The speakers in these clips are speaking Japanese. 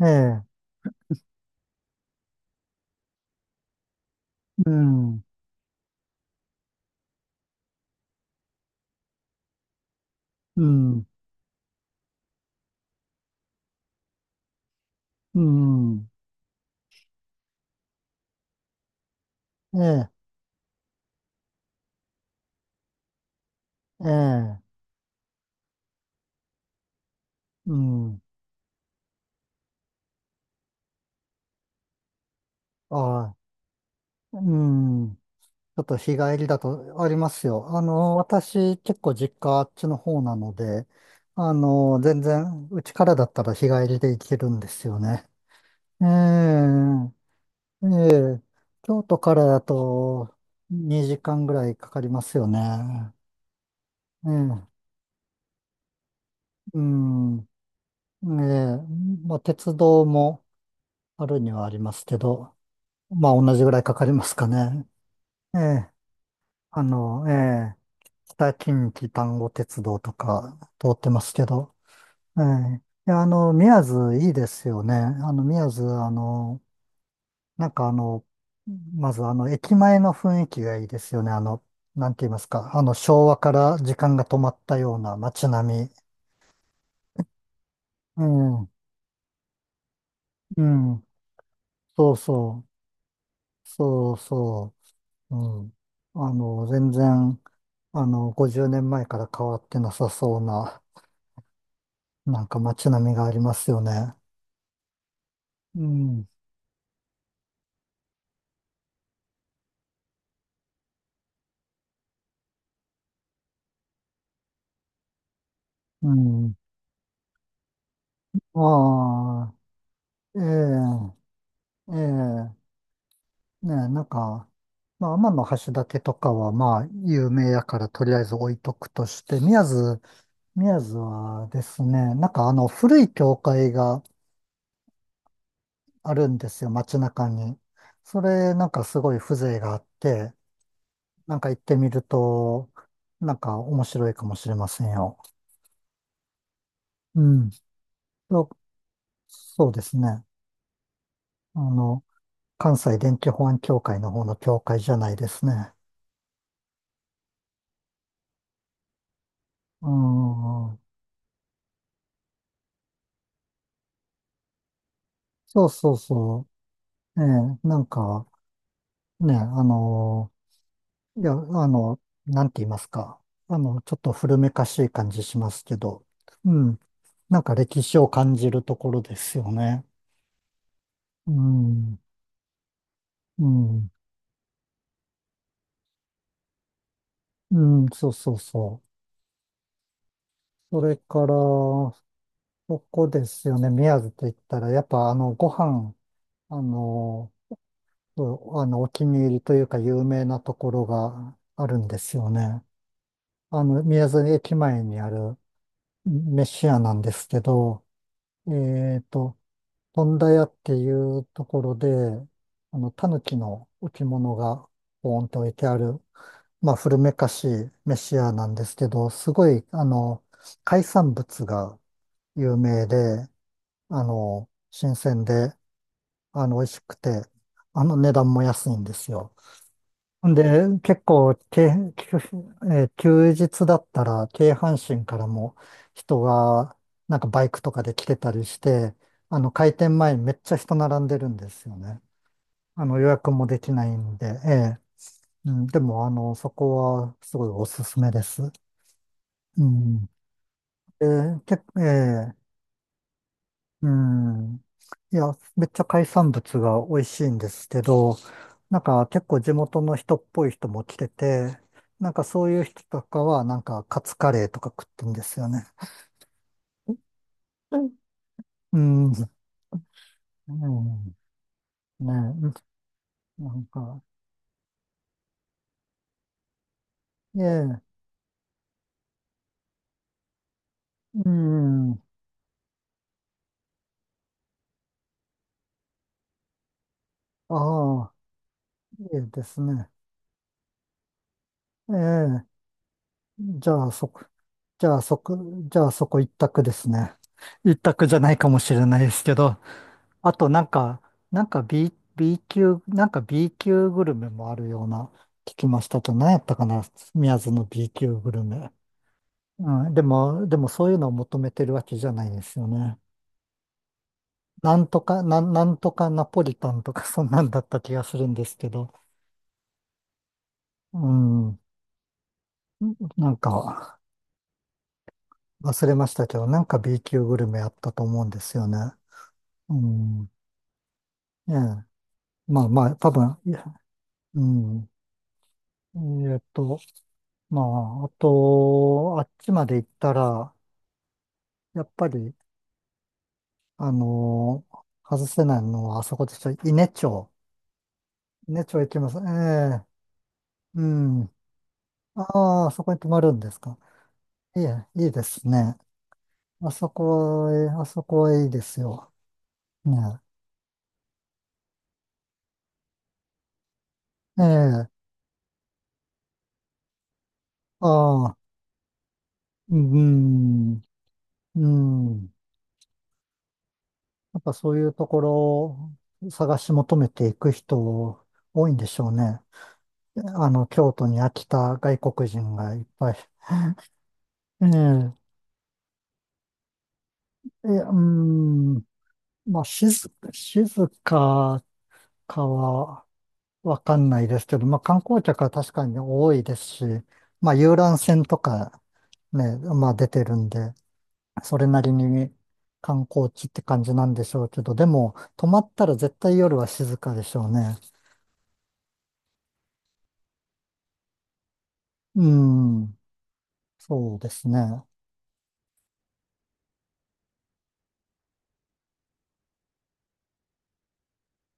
ええ、うん、うん、うん、ええ、ええ、うん、ああ、うん、ちょっと日帰りだとありますよ。私結構実家あっちの方なので、全然うちからだったら日帰りで行けるんですよね。ええ、ええ、京都からだと2時間ぐらいかかりますよね。ええ、うん、ええ、まあ鉄道もあるにはありますけど、まあ同じぐらいかかりますかね。ええ、ええ、北近畿丹後鉄道とか通ってますけど、ええ、いや、宮津いいですよね。あの、宮津、あの、なんかまず駅前の雰囲気がいいですよね。なんて言いますか、昭和から時間が止まったような街並み。うん、うん、そうそう、そうそう。うん。あの、全然、あの、50年前から変わってなさそうな、なんか街並みがありますよね。うん。うん。ああ、ええ、ええ、ねえ、なんか、まあ、天橋立とかは、まあ、有名やから、とりあえず置いとくとして、宮津はですね、なんか古い教会があるんですよ、街中に。それ、なんかすごい風情があって、なんか行ってみると、なんか面白いかもしれませんよ。うん。そうそうですね。あの、関西電気保安協会の方の協会じゃないですね。うん。そうそうそう。ええ、なんか、ね、いや、あの、なんて言いますか。ちょっと古めかしい感じしますけど、うん。なんか歴史を感じるところですよね。うん。うん。うん、そうそうそう。それから、そこですよね。宮津と言ったら、やっぱご飯、あの、うあの、お気に入りというか有名なところがあるんですよね。宮津駅前にある飯屋なんですけど、えっと、富田屋っていうところで、狸の置物がポーンと置いてある、まあ、古めかしい飯屋なんですけど、すごい、海産物が有名で、新鮮で、美味しくて、値段も安いんですよ。で、結構、け、休えー休日だったら、京阪神からも人が、なんかバイクとかで来てたりして、開店前にめっちゃ人並んでるんですよね。予約もできないんで、ええ、うん、でも、そこはすごいおすすめです。うん。で、ええ、うん。いや、めっちゃ海産物が美味しいんですけど、なんか結構地元の人っぽい人も来てて、なんかそういう人とかはなんかカツカレーとか食ってんですよね。うん。うん。うん。ねえ、なんか、ええ、うん。ああ、いいですね。ええ、じゃあそこ、じゃあそこ、じゃあそこ一択ですね。一択じゃないかもしれないですけど。あとなんか、なんか B 級、なんか B 級グルメもあるような聞きましたと、何やったかな、宮津の B 級グルメ。うん、でもそういうのを求めてるわけじゃないですよね。なんとかナポリタンとか そんなんだった気がするんですけど、うん、なんか忘れましたけど、なんか B 級グルメあったと思うんですよね。うん、ええ、まあまあ、多分、いや、うん。えーっと、まあ、あと、あっちまで行ったら、やっぱり、外せないのは、あそこでしょ、伊根町。伊根町行きます。ええ、うん。ああ、あそこに泊まるんですか。いえ、いいですね。あそこは、えあそこはいいですよ。ねえ。ええ、ああ、うん、うん。やっぱそういうところを探し求めていく人多いんでしょうね。京都に飽きた外国人がいっぱい。ええ、え、うーん、まあ、静かかはわかんないですけど、まあ、観光客は確かに多いですし、まあ、遊覧船とかね、まあ、出てるんで、それなりに観光地って感じなんでしょうけど、でも、泊まったら絶対夜は静かでしょうね。うーん、そうですね。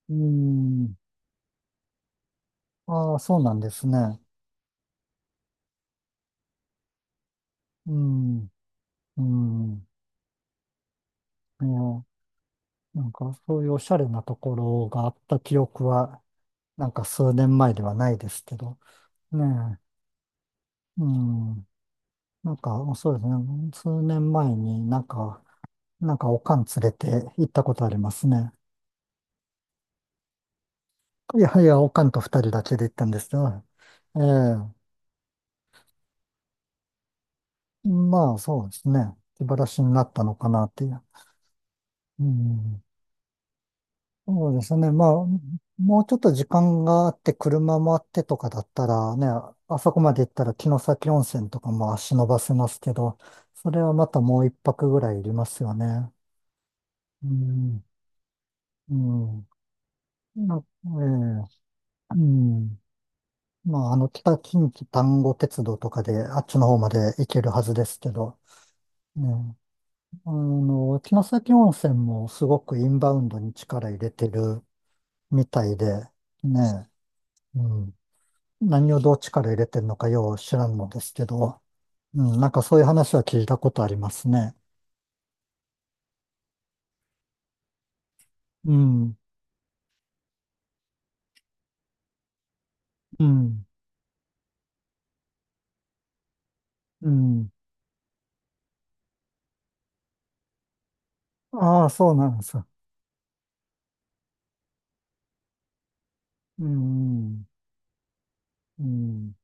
うーん、ああ、そうなんですね。うーん、うーん。いや、なんかそういうおしゃれなところがあった記憶は、なんか数年前ではないですけど、ねえ、うん、なんかそうですね、数年前になんか、なんかおかん連れて行ったことありますね。いやいや、おかんと二人だけで行ったんですけど、ええ、まあそうですね、気晴らしになったのかなっていう。うん、そうですね。まあ、もうちょっと時間があって、車もあってとかだったらね、あそこまで行ったら城崎温泉とかも足伸ばせますけど、それはまたもう一泊ぐらいいりますよね。うん、うん。ええ、うん。まあ、北近畿丹後鉄道とかで、あっちの方まで行けるはずですけど、ね、城崎温泉もすごくインバウンドに力入れてるみたいで、ね、うん。何をどっちから入れてんのかよう知らんのですけど、うん、なんかそういう話は聞いたことありますね。うん、うん、うん。ああ、そうなんですよ。うん、うん。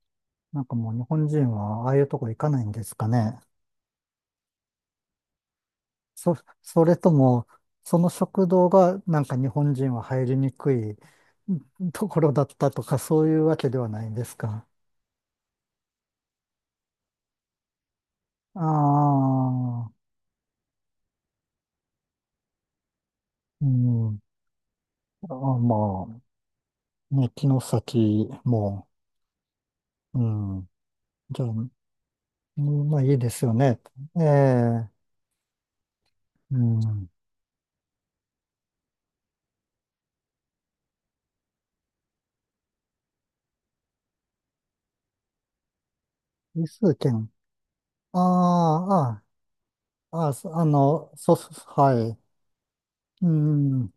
なんかもう日本人はああいうとこ行かないんですかね。そ、それとも、その食堂がなんか日本人は入りにくい、うん、ところだったとか、そういうわけではないんですか。ああ、うん。あ、まあ、ね、城崎も、うん。じゃあ、うん、まあいいですよね。ええ、うん。理数圏。ああ、ああ、あそあの、そうそう、はい。うん。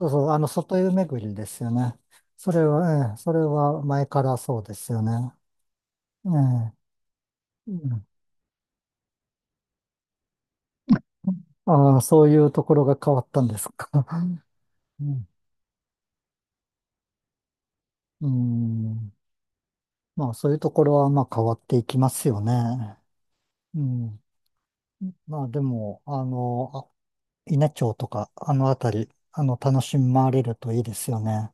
そうそう、外湯巡りですよね。それは、ええ、それは前からそうですよね。ええ、うん。ああ、そういうところが変わったんですか。うん。うん、まあ、そういうところは、まあ、変わっていきますよね。うん。まあ、でも、稲町とか、あのあたり、楽しまれるといいですよね。